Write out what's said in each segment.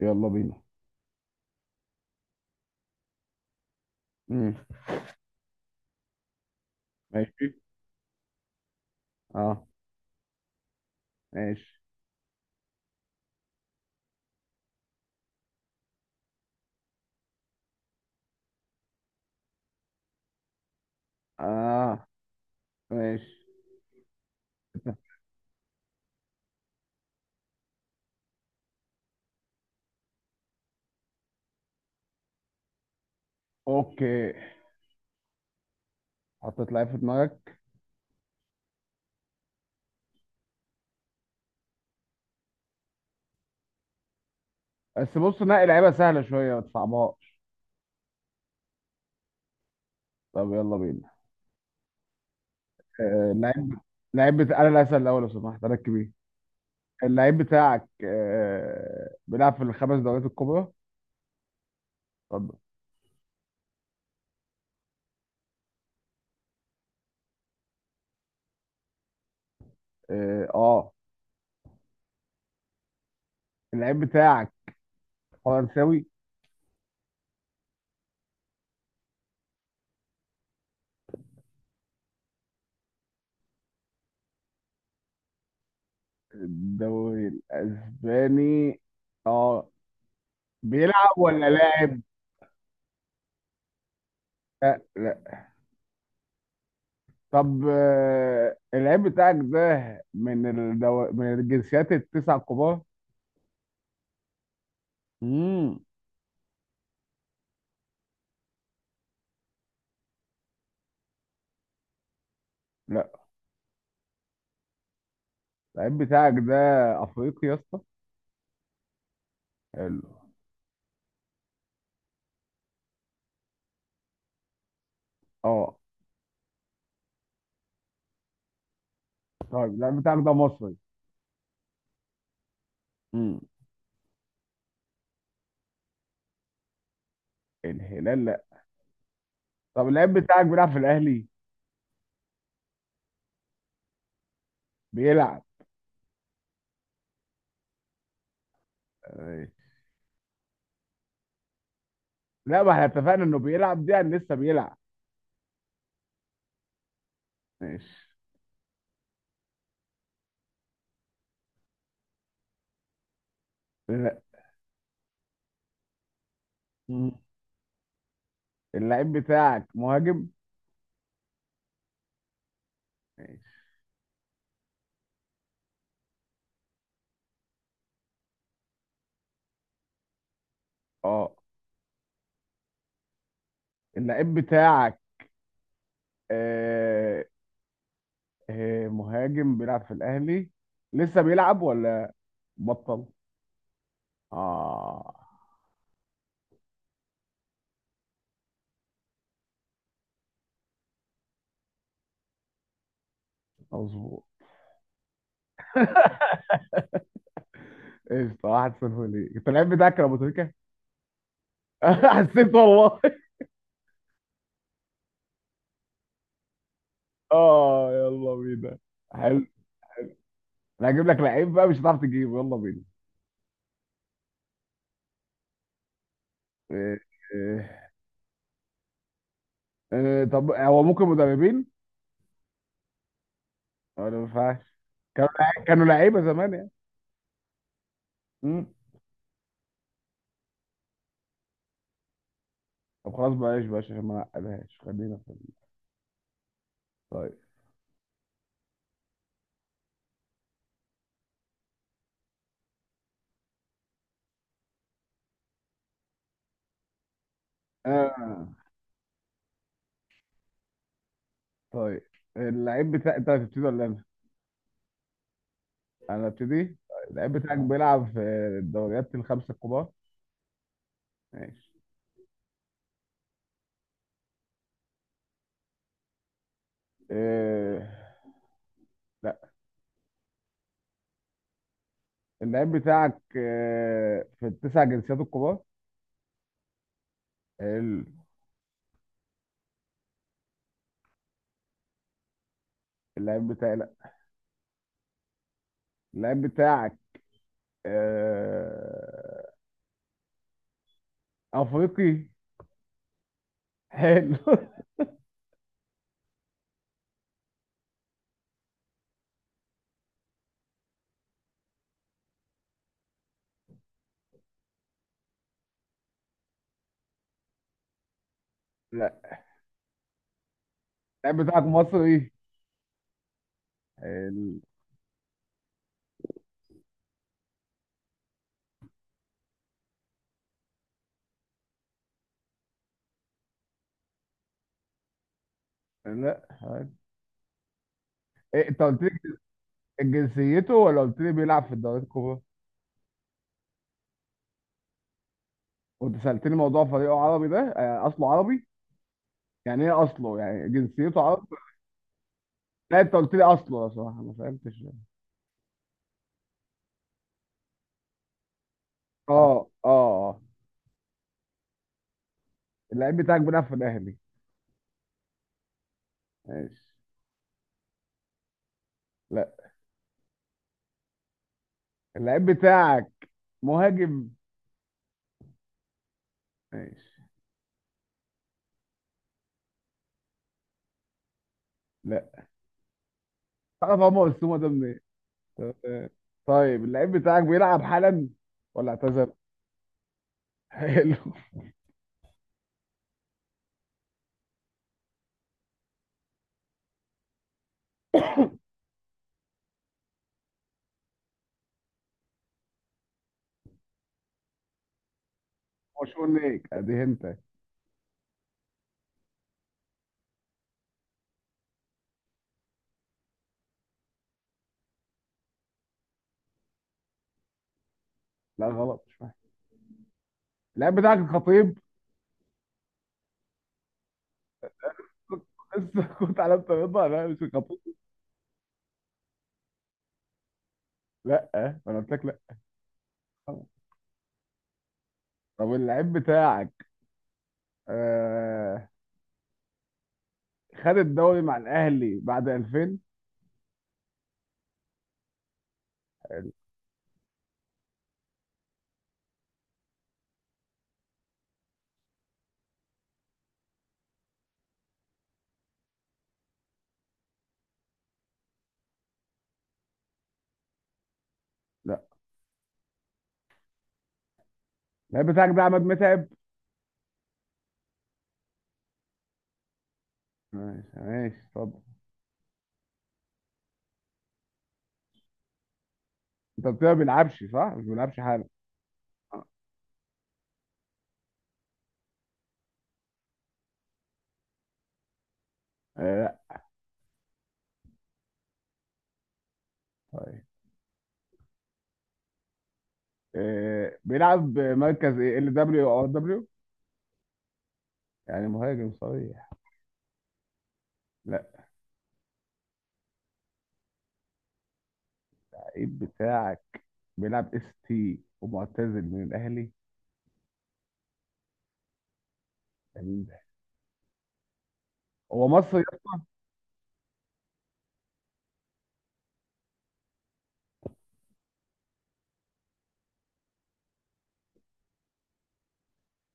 يلا بينا. امم. ماشي. اه. ماشي. اه. ماشي. اوكي. حطيت لعيب في دماغك. بس بص نقي لعيبه سهله شويه ما تصعبهاش. طب يلا بينا. اللعيب بتاع انا اللي هسأل الاول لو سمحت ركب ايه. اللعيب بتاعك بيلعب في الخمس دوريات الكبرى؟ اتفضل. اه. آه. اللعيب بتاعك فرنساوي؟ الدوري الاسباني. اه. بيلعب ولا لاعب؟ لا. طب اللعيب بتاعك ده من من الجنسيات التسع الكبار؟ امم. لا. اللعيب بتاعك ده افريقي يا اسطى؟ حلو. اه. طيب، اللعيب بتاعك ده مصري؟ امم. الهلال لا. طب اللعيب بتاعك بيلعب في الاهلي؟ بيلعب. ماشي. لا، ما احنا اتفقنا انه بيلعب دي يعني لسه بيلعب. ماشي. لا. امم. اللعيب بتاعك مهاجم؟ ماشي. اه. اللعيب بتاعك آه... مهاجم بيلعب في الاهلي؟ لسه بيلعب ولا بطل؟ اه. مظبوط. ايش واحد صفر ليه؟ انت اللعيب بتاعك يا ابو تريكه. حسيت والله. اه يلا بينا. حلو. انا هجيب لك لعيب بقى مش هتعرف تجيبه. يلا بينا. إيه. إيه. إيه، طب هو ممكن مدربين ولا ما ينفعش؟ كانوا لعيبه زمان يعني. مم. طب خلاص بلاش بلاش عشان ما نعقدهاش. خلينا. طيب. آه. طيب، اللعيب بتاع انت هتبتدي ولا انا؟ انا ابتدي. اللعيب بتاعك بيلعب في الدوريات الخمسه الكبار؟ ماشي. آه، لا. اللعيب بتاعك في التسع جنسيات الكبار؟ ال- اللعيب بتاعي لا. اللعيب بتاعك آه، افريقي؟ حلو. لا. اللعيب بتاعك مصري؟ حلو. لا. حلو. إيه؟ انت قلت لي جنسيته ولا قلت لي بيلعب في الدوريات الكبرى؟ وانت سألتني موضوع فريقه عربي، ده اصله عربي. يعني ايه اصله؟ يعني جنسيته عربي؟ لا، انت قلت لي اصله، لو صراحة ما فهمتش. اه. اه آه. اللعيب بتاعك بيلعب في الاهلي؟ ماشي. لا. اللعيب بتاعك مهاجم؟ ماشي. لا. تعرف عمر السومه ده منين؟ تمام. طيب اللعيب بتاعك بيلعب حالا ولا اعتزل؟ حلو. مشهور ليك ادي انت. لا غلط مش فاهم. اللعيب بتاعك الخطيب. لسه كنت على الطريقه، لا مش الخطيب. لا، انا قلت لك لا. طب اللعيب بتاعك آه خد الدوري مع الاهلي بعد 2000؟ لا. اللعيب بتاعك ده عماد متعب؟ ماشي ماشي اتفضل. انت قلت لي ما بيلعبش، صح؟ مش بيلعبش حالا؟ لا. طيب. بيلعب مركز ايه، ال دبليو او دبليو؟ يعني مهاجم صريح؟ لا. اللعيب بتاعك بيلعب اس تي ومعتزل من الاهلي. ده مين ده؟ هو مصري يا اسطى.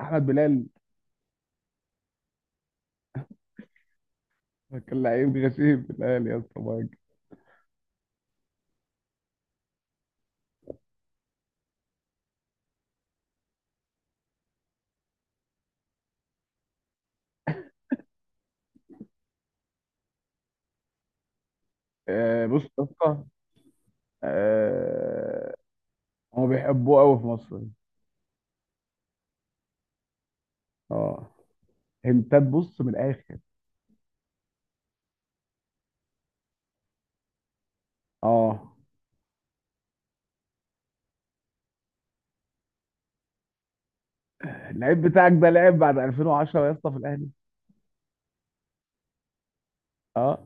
احمد بلال. كان لعيب غشيم في الاهلي يا اسطى، مهاجم. آه، بص يا اسطى. آه، هما بيحبوه قوي في مصر. اه. هنتات بص من الاخر. اه. اللعيب بتاعك ده لعب بعد 2010 يا اسطى في الاهلي؟ اه.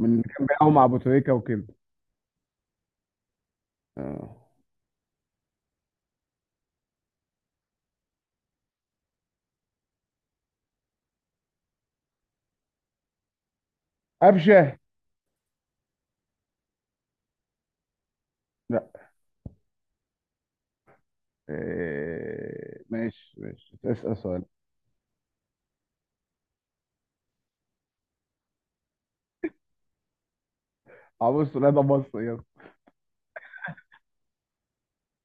من اللي كان بيلعبوا مع ابو تريكه وكده. اه. قفشه. لا. إيه، ماشي ماشي اسأل سؤال. عمرو سوليه ده مصري يلا.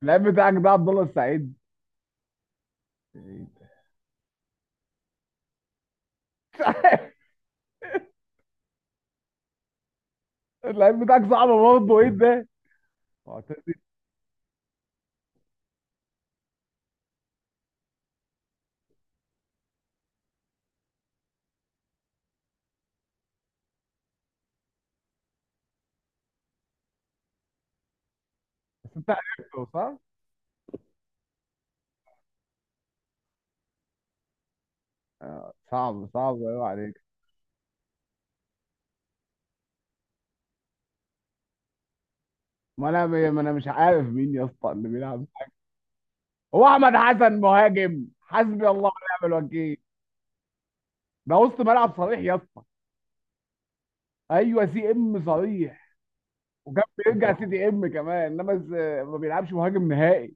اللعيب بتاعك ده عبد الله السعيد؟ مش عارف. اللعيب بتاعك صعب برضه، ايه ده؟ معتزل. بس انت عرفته صح؟ آه، صعب صعب ايوه عليك. ما انا مش عارف مين يا اسطى اللي بيلعب. هو احمد حسن مهاجم؟ حسبي الله ونعم الوكيل. ده وسط ملعب صريح يا اسطى. ايوه سي ام صريح. وكان بيرجع سي دي ام كمان، انما ما بيلعبش مهاجم نهائي.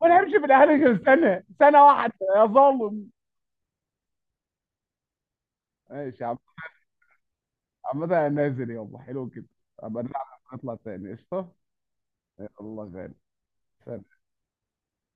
وانا همشي في الاهلي غير سنه سنه واحده يا ظالم. ماشي يا عم. عامة انا نازل، يلا حلو كده. ابقى نلعب. نطلع تاني قشطه. يلا غالي. سلام.